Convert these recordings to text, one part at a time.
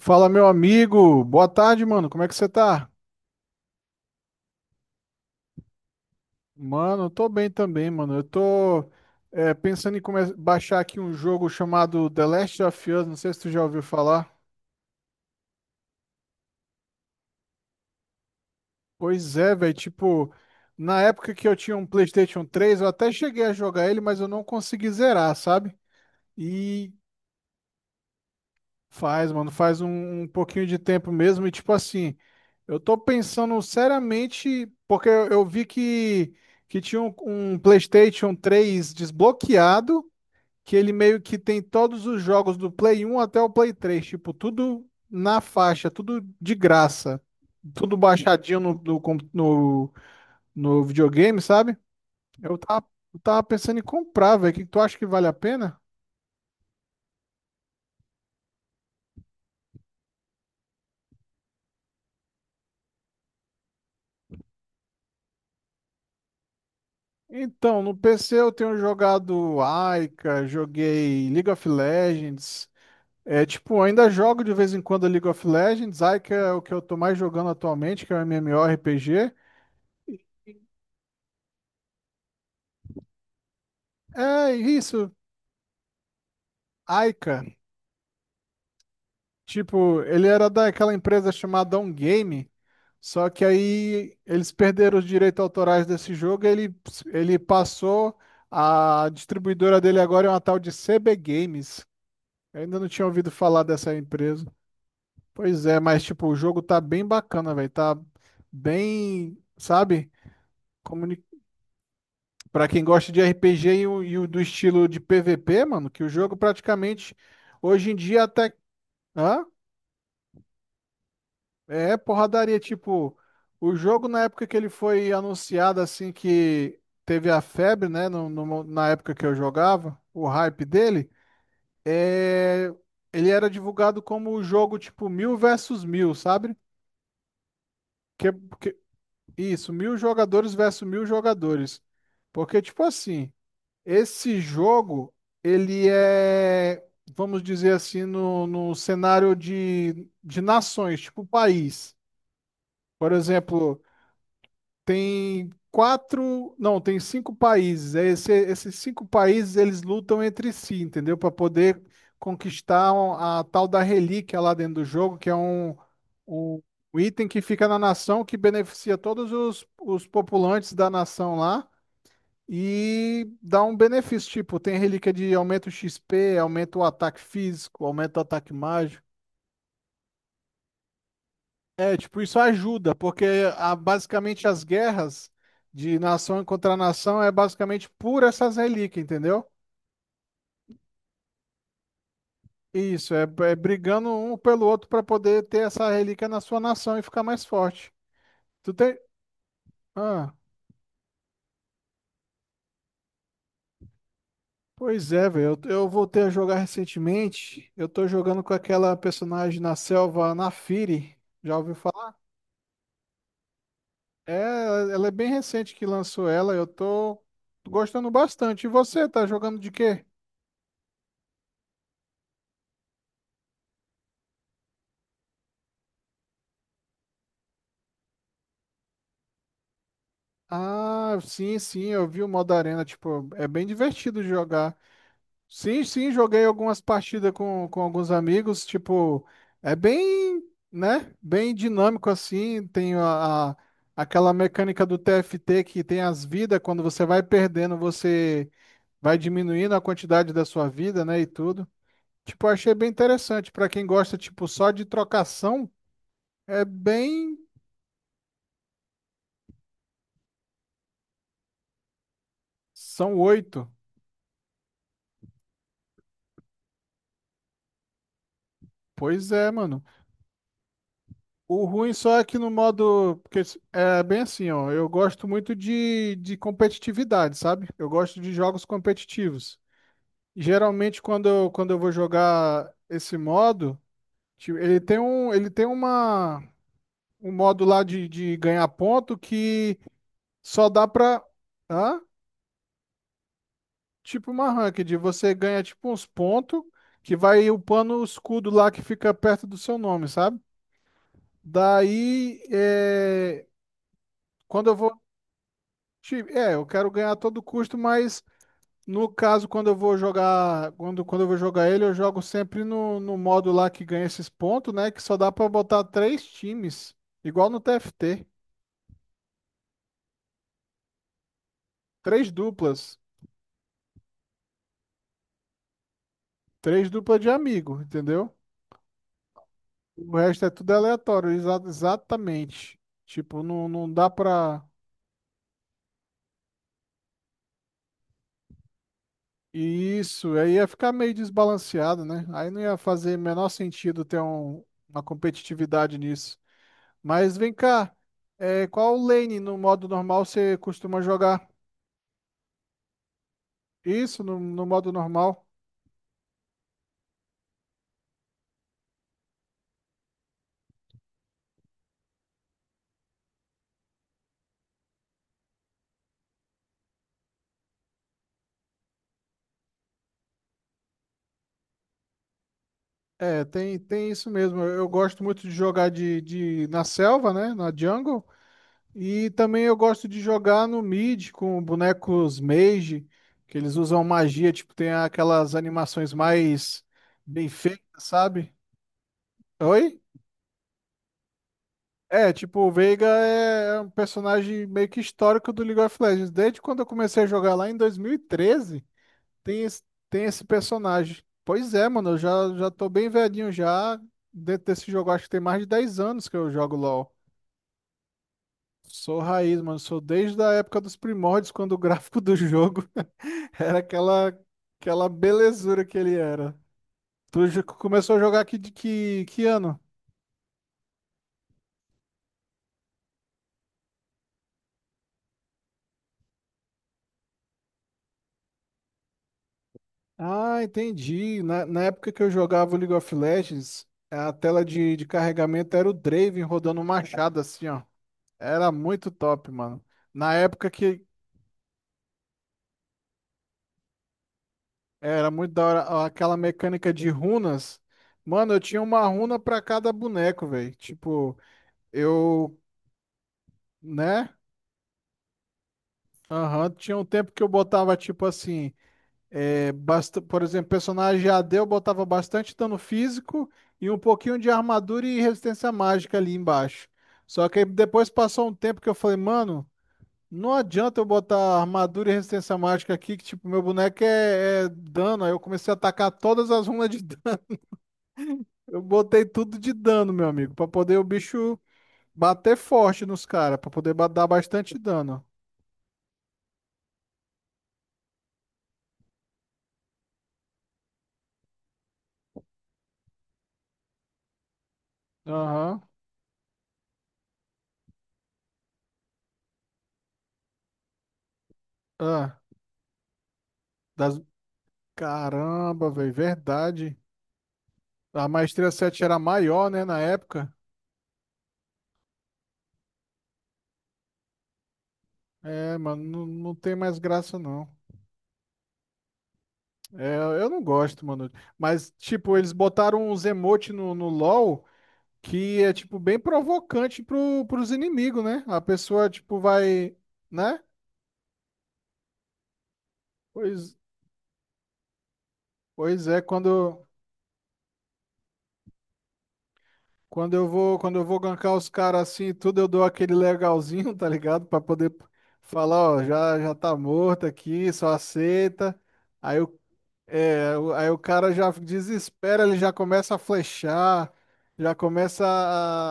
Fala, meu amigo. Boa tarde, mano. Como é que você tá? Mano, eu tô bem também, mano. Eu tô pensando em baixar aqui um jogo chamado The Last of Us. Não sei se tu já ouviu falar. Pois é, velho. Tipo, na época que eu tinha um PlayStation 3 eu até cheguei a jogar ele, mas eu não consegui zerar, sabe? E faz, mano, faz um pouquinho de tempo mesmo e tipo assim, eu tô pensando seriamente, porque eu vi que tinha um PlayStation 3 desbloqueado, que ele meio que tem todos os jogos do Play 1 até o Play 3. Tipo, tudo na faixa, tudo de graça, tudo baixadinho no videogame, sabe? Eu tava, eu tava pensando em comprar, velho, o que que tu acha que vale a pena? Então, no PC eu tenho jogado Aika, joguei League of Legends. É, tipo, ainda jogo de vez em quando League of Legends. Aika é o que eu tô mais jogando atualmente, que é o MMORPG. É isso, Aika. Tipo, ele era daquela empresa chamada On Game, só que aí eles perderam os direitos autorais desse jogo, e ele passou, a distribuidora dele agora é uma tal de CB Games. Eu ainda não tinha ouvido falar dessa empresa. Pois é, mas tipo, o jogo tá bem bacana, velho. Tá bem, sabe? Comuni... Pra quem gosta de RPG e o do estilo de PVP, mano, que o jogo praticamente hoje em dia até. Hã? É porradaria. Tipo, o jogo na época que ele foi anunciado, assim, que teve a febre, né? Na época que eu jogava, o hype dele, é... ele era divulgado como o jogo, tipo, 1000 versus 1000, sabe? Que Isso, 1000 jogadores versus 1000 jogadores. Porque, tipo assim, esse jogo, ele é, vamos dizer assim, no cenário de nações, tipo país. Por exemplo, tem quatro, não, tem cinco países. É esses cinco países eles lutam entre si, entendeu? Para poder conquistar a tal da relíquia lá dentro do jogo, que é um um item que fica na nação que beneficia todos os populantes da nação lá e dá um benefício. Tipo, tem relíquia de aumento XP, aumenta o ataque físico, aumenta o ataque. É, tipo, isso ajuda, porque basicamente as guerras de nação contra nação é basicamente por essas relíquias, entendeu? Isso, é brigando um pelo outro para poder ter essa relíquia na sua nação e ficar mais forte. Tu tem. Ah, pois é, velho. Eu voltei a jogar recentemente. Eu tô jogando com aquela personagem na selva, Naafiri. Já ouviu falar? É, ela é bem recente que lançou ela. Eu tô gostando bastante. E você, tá jogando de quê? Ah, sim, sim, eu vi o modo arena, tipo, é bem divertido de jogar. Sim, sim, joguei algumas partidas com alguns amigos, tipo, é bem, né, bem dinâmico assim, tem aquela mecânica do TFT que tem as vidas, quando você vai perdendo, você vai diminuindo a quantidade da sua vida, né, e tudo. Tipo, eu achei bem interessante, pra quem gosta, tipo, só de trocação, é bem. São oito. Pois é, mano. O ruim só é que no modo. Porque é bem assim, ó. Eu gosto muito de competitividade, sabe? Eu gosto de jogos competitivos. Geralmente, quando eu vou jogar esse modo, tipo, ele tem um, ele tem uma, um modo lá de ganhar ponto que só dá pra. Hã? Tipo uma ranked. Você ganha tipo uns pontos que vai upando o escudo lá que fica perto do seu nome, sabe? Daí. É... Quando eu vou Tipo, eu quero ganhar a todo custo, mas no caso, quando eu vou jogar, quando eu vou jogar ele, eu jogo sempre no modo lá que ganha esses pontos, né? Que só dá pra botar três times, igual no TFT. Três duplas. Três duplas de amigo, entendeu? O resto é tudo aleatório, exatamente. Tipo, não, não dá pra. E isso, aí ia ficar meio desbalanceado, né? Aí não ia fazer menor sentido ter uma competitividade nisso. Mas vem cá, qual lane no modo normal você costuma jogar? Isso, no modo normal. É, tem isso mesmo. Eu gosto muito de jogar na selva, né? Na jungle. E também eu gosto de jogar no mid com bonecos mage, que eles usam magia, tipo, tem aquelas animações mais bem feitas, sabe? Oi? É, tipo, o Veiga é um personagem meio que histórico do League of Legends. Desde quando eu comecei a jogar lá em 2013. Tem esse, tem esse personagem. Pois é, mano, eu já tô bem velhinho já. Dentro desse jogo, acho que tem mais de 10 anos que eu jogo LoL. Sou raiz, mano. Sou desde a época dos primórdios, quando o gráfico do jogo era aquela, aquela, belezura que ele era. Começou a jogar aqui de que ano? Ah, entendi. Na época que eu jogava o League of Legends, a tela de carregamento era o Draven rodando um machado assim, ó. Era muito top, mano. Na época que, Era muito da hora aquela mecânica de runas. Mano, eu tinha uma runa pra cada boneco, velho. Tipo, eu, né? Aham, tinha um tempo que eu botava, tipo assim, por exemplo, personagem AD, eu botava bastante dano físico e um pouquinho de armadura e resistência mágica ali embaixo. Só que aí depois passou um tempo que eu falei, mano, não adianta eu botar armadura e resistência mágica aqui, que, tipo, meu boneco é dano. Aí eu comecei a atacar todas as runas de Eu botei tudo de dano, meu amigo, pra poder o bicho bater forte nos caras, pra poder dar bastante dano. Aham. Ah, das... Caramba, velho, verdade. A maestria 7 era maior, né, na época. É, mano, não, não tem mais graça, não. É, eu não gosto, mano. Mas, tipo, eles botaram uns emote no LoL que é, tipo, bem provocante pro, pros inimigos, né? A pessoa, tipo, vai, né? Pois, pois é. Quando eu vou gankar os caras assim e tudo, eu dou aquele legalzinho, tá ligado? Pra poder falar, ó, já tá morto aqui, só aceita. Aí o, aí o cara já desespera, ele já começa a flechar, já começa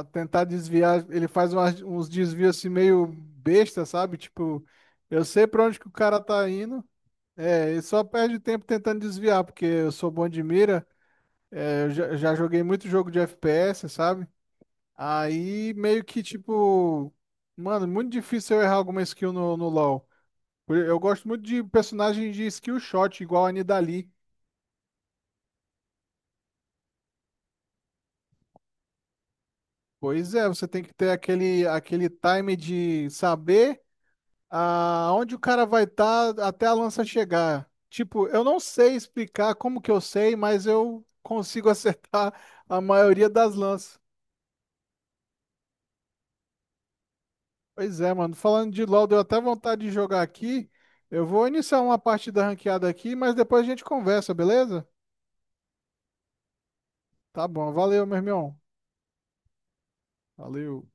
a tentar desviar, ele faz uns desvios assim meio besta, sabe? Tipo, eu sei pra onde que o cara tá indo, e só perde tempo tentando desviar, porque eu sou bom de mira, eu já joguei muito jogo de FPS, sabe? Aí meio que tipo, mano, muito difícil eu errar alguma skill no LoL. Eu gosto muito de personagem de skill shot, igual a Nidalee. Pois é, você tem que ter aquele time de saber aonde o cara vai estar até a lança chegar. Tipo, eu não sei explicar como que eu sei, mas eu consigo acertar a maioria das lanças. Pois é, mano. Falando de LoL, deu até vontade de jogar aqui. Eu vou iniciar uma partida ranqueada aqui, mas depois a gente conversa, beleza? Tá bom, valeu, meu irmão. Valeu.